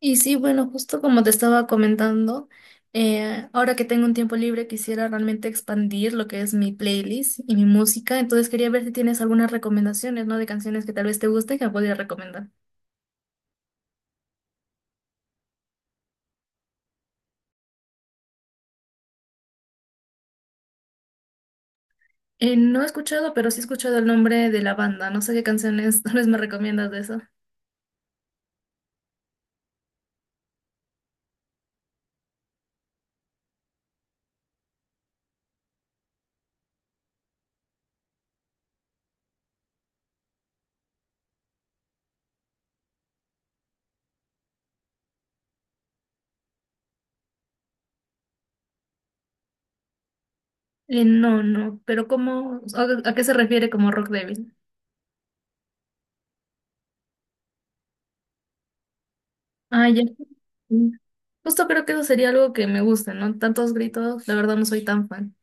Y sí, bueno, justo como te estaba comentando, ahora que tengo un tiempo libre quisiera realmente expandir lo que es mi playlist y mi música, entonces quería ver si tienes algunas recomendaciones, ¿no? De canciones que tal vez te gusten que me podría recomendar. No he escuchado, pero sí he escuchado el nombre de la banda, no sé qué canciones tal vez me recomiendas de eso. No, no, pero ¿cómo, a qué se refiere como rock débil? Ah, ya. Mm. Justo creo que eso sería algo que me guste, ¿no? Tantos gritos, la verdad no soy tan fan.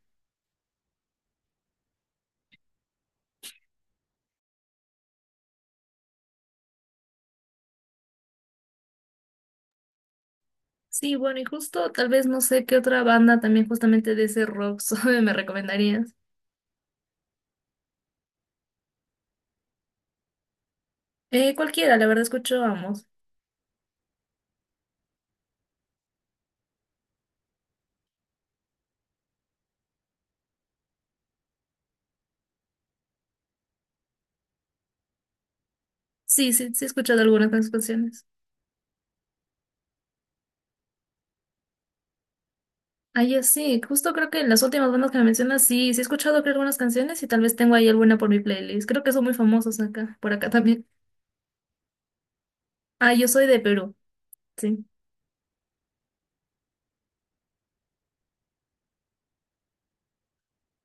Sí, bueno, y justo tal vez no sé qué otra banda también justamente de ese rock suave me recomendarías. Cualquiera, la verdad escucho ambos. Sí, sí, sí he escuchado algunas de sus canciones. Ah, ya sí, justo creo que las últimas bandas que me mencionas, sí, sí he escuchado creo algunas canciones y tal vez tengo ahí alguna por mi playlist. Creo que son muy famosos acá, por acá también. Ah, yo soy de Perú, sí.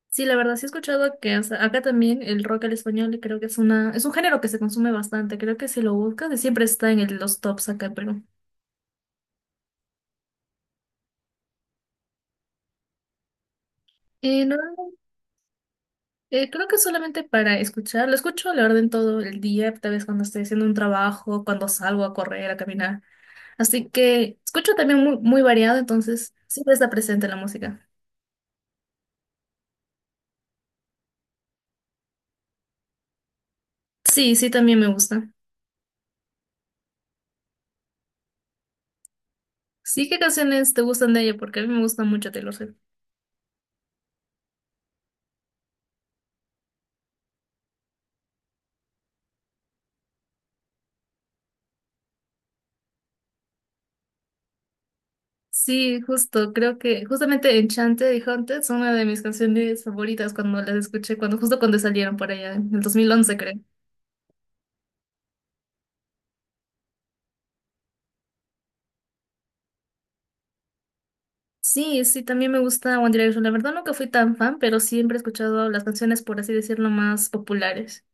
Sí, la verdad sí he escuchado que o sea, acá también el rock al español creo que es una, es un género que se consume bastante. Creo que si lo buscas siempre está en los tops acá en Perú. No. Creo que solamente para escuchar, lo escucho la orden todo el día, tal vez cuando estoy haciendo un trabajo, cuando salgo a correr, a caminar. Así que escucho también muy, muy variado, entonces siempre está presente la música. Sí, sí, también me gusta. Sí, ¿qué canciones te gustan de ella? Porque a mí me gusta mucho Taylor Swift. Sí, justo, creo que justamente Enchanted y Haunted son una de mis canciones favoritas cuando las escuché, cuando justo cuando salieron por allá, en el 2011 creo. Sí, sí, también me gusta One Direction. La verdad nunca fui tan fan, pero siempre he escuchado las canciones, por así decirlo, más populares.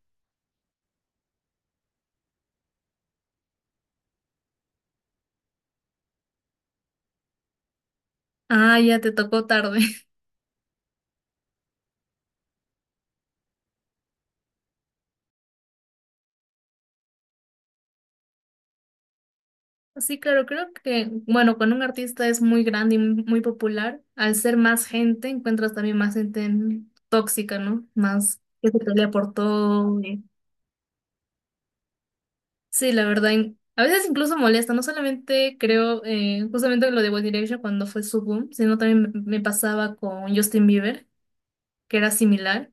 Ah, ya te tocó tarde. Sí, claro, creo que, bueno, cuando un artista es muy grande y muy popular, al ser más gente, encuentras también más gente tóxica, ¿no? Más que se pelea por todo. Y Sí, la verdad, a veces incluso molesta, no solamente creo, justamente lo de One Direction cuando fue su boom, sino también me pasaba con Justin Bieber, que era similar.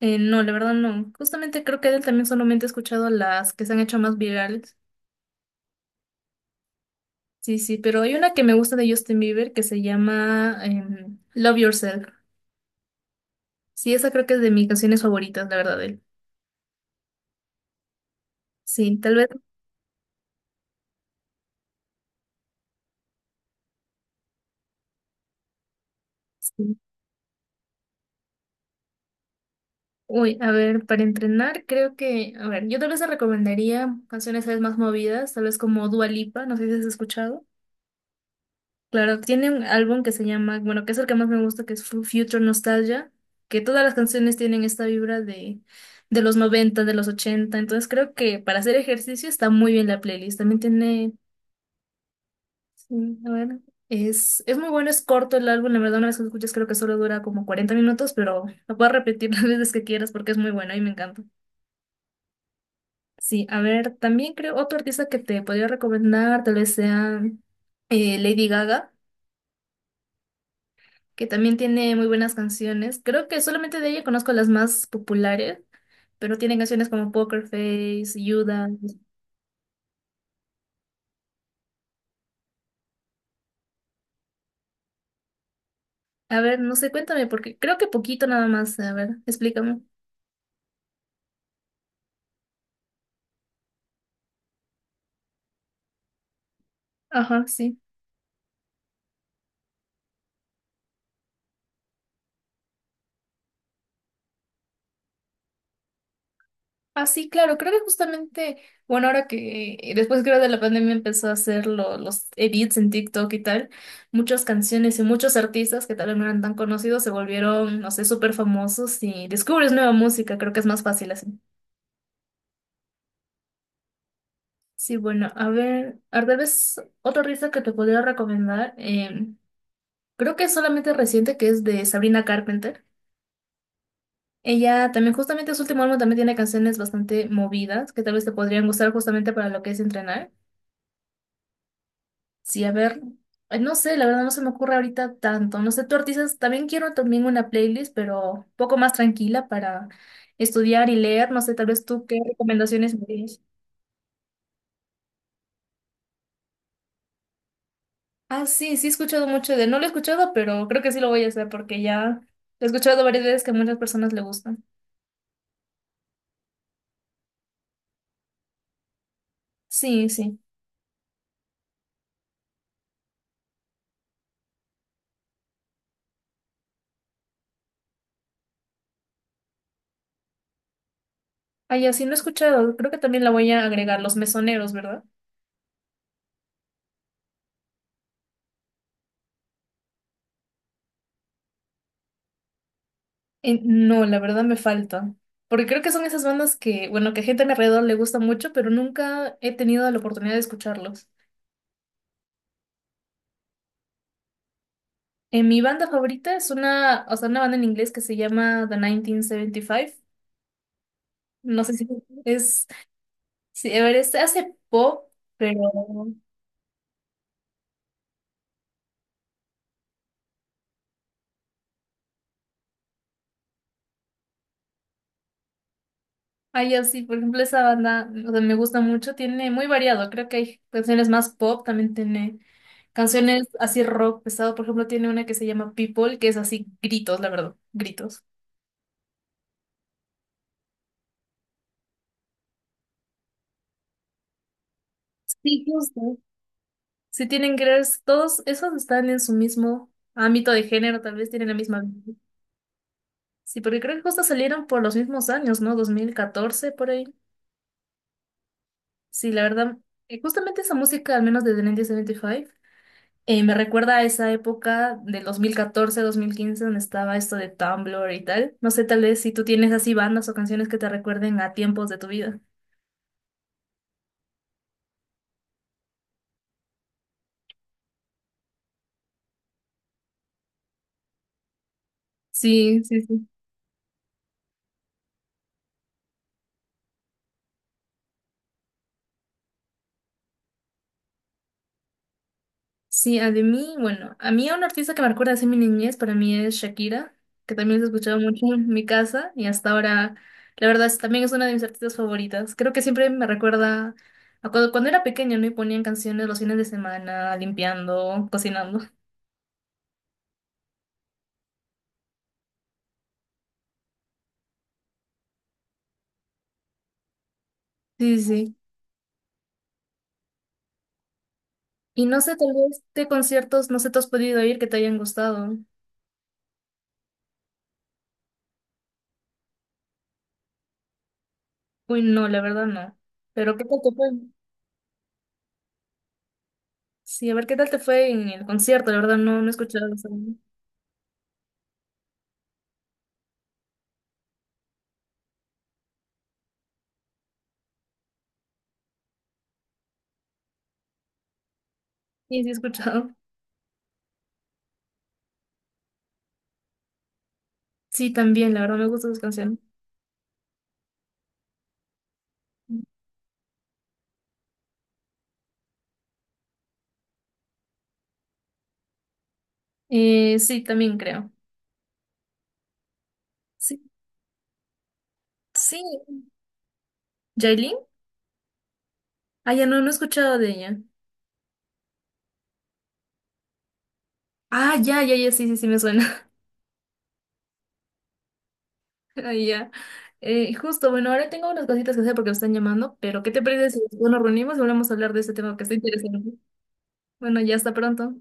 No, la verdad no. Justamente creo que de él también solamente he escuchado las que se han hecho más virales. Sí, sí, pero hay una que me gusta de Justin Bieber que se llama Love Yourself. Sí, esa creo que es de mis canciones favoritas, la verdad, de él. Sí, tal vez. Sí. Uy, a ver, para entrenar creo que, a ver, yo tal vez te recomendaría canciones tal vez más movidas, tal vez como Dua Lipa, no sé si has escuchado. Claro, tiene un álbum que se llama, bueno, que es el que más me gusta, que es Future Nostalgia, que todas las canciones tienen esta vibra de los 90, de los 80. Entonces creo que para hacer ejercicio está muy bien la playlist. También tiene, sí, a ver, es muy bueno, es corto el álbum, la verdad una vez que lo escuchas creo que solo dura como 40 minutos, pero lo puedes repetir las veces que quieras porque es muy bueno y me encanta. Sí, a ver, también creo otro artista que te podría recomendar, tal vez sea Lady Gaga. Que también tiene muy buenas canciones. Creo que solamente de ella conozco las más populares, pero tiene canciones como Poker Face, Judas. A ver, no sé, cuéntame, porque creo que poquito nada más. A ver, explícame. Ajá, sí. Ah, sí, claro, creo que justamente, bueno, ahora que después creo de la pandemia empezó a hacer los edits en TikTok y tal, muchas canciones y muchos artistas que tal vez no eran tan conocidos se volvieron, no sé, súper famosos y descubres nueva música, creo que es más fácil así. Sí, bueno, a ver, tal vez otro artista que te podría recomendar, creo que es solamente reciente, que es de Sabrina Carpenter. Ella también, justamente su último álbum también tiene canciones bastante movidas, que tal vez te podrían gustar justamente para lo que es entrenar. Sí, a ver, no sé, la verdad no se me ocurre ahorita tanto. No sé, tú artistas, también quiero también una playlist, pero un poco más tranquila para estudiar y leer. No sé, tal vez tú qué recomendaciones me. Ah, sí, sí he escuchado mucho de... No lo he escuchado, pero creo que sí lo voy a hacer porque ya he escuchado varias veces que a muchas personas le gustan. Sí, sí. Ah, ya sí, no he escuchado. Creo que también la voy a agregar, los mesoneros, ¿verdad? No, la verdad me falta. Porque creo que son esas bandas que, bueno, que a gente a mi alrededor le gusta mucho, pero nunca he tenido la oportunidad de escucharlos. Mi banda favorita es una, o sea, una banda en inglés que se llama The 1975. No sé si es, sí, a ver, este hace pop, pero... Ay, así, por ejemplo, esa banda, o sea, me gusta mucho, tiene muy variado, creo que hay canciones más pop, también tiene canciones así rock pesado, por ejemplo, tiene una que se llama People, que es así gritos, la verdad, gritos. Sí, justo. Sí tienen girls, todos esos están en su mismo ámbito de género, tal vez tienen la misma. Sí, porque creo que justo salieron por los mismos años, ¿no? 2014 por ahí. Sí, la verdad, justamente esa música, al menos desde 1975, me recuerda a esa época del 2014-2015 donde estaba esto de Tumblr y tal. No sé, tal vez si tú tienes así bandas o canciones que te recuerden a tiempos de tu vida. Sí, sí, sí. Sí, a de mí, bueno, a mí un artista que me recuerda así mi niñez para mí es Shakira, que también se escuchaba mucho en mi casa y hasta ahora, la verdad, también es una de mis artistas favoritas. Creo que siempre me recuerda a cuando, cuando era pequeña, ¿no? Y ponían canciones los fines de semana, limpiando, cocinando. Sí, sí. Y no sé, tal vez de conciertos, no sé, ¿te has podido ir que te hayan gustado? Uy, no, la verdad no. Pero ¿qué tal te fue? Sí, a ver, ¿qué tal te fue en el concierto? La verdad no, no he escuchado. O sea, sí, sí he escuchado. Sí, también, la verdad me gustan sus canciones. Sí, también creo. Sí, sí. ¿Yailin? Ah, ya no, no he escuchado de ella. Ah, ya, ya, ya, sí, sí, sí me suena. Ah, ya. Justo, bueno, ahora tengo unas cositas que hacer porque me están llamando, pero ¿qué te parece si nos reunimos y volvemos a hablar de este tema que está interesante? Bueno, ya hasta pronto.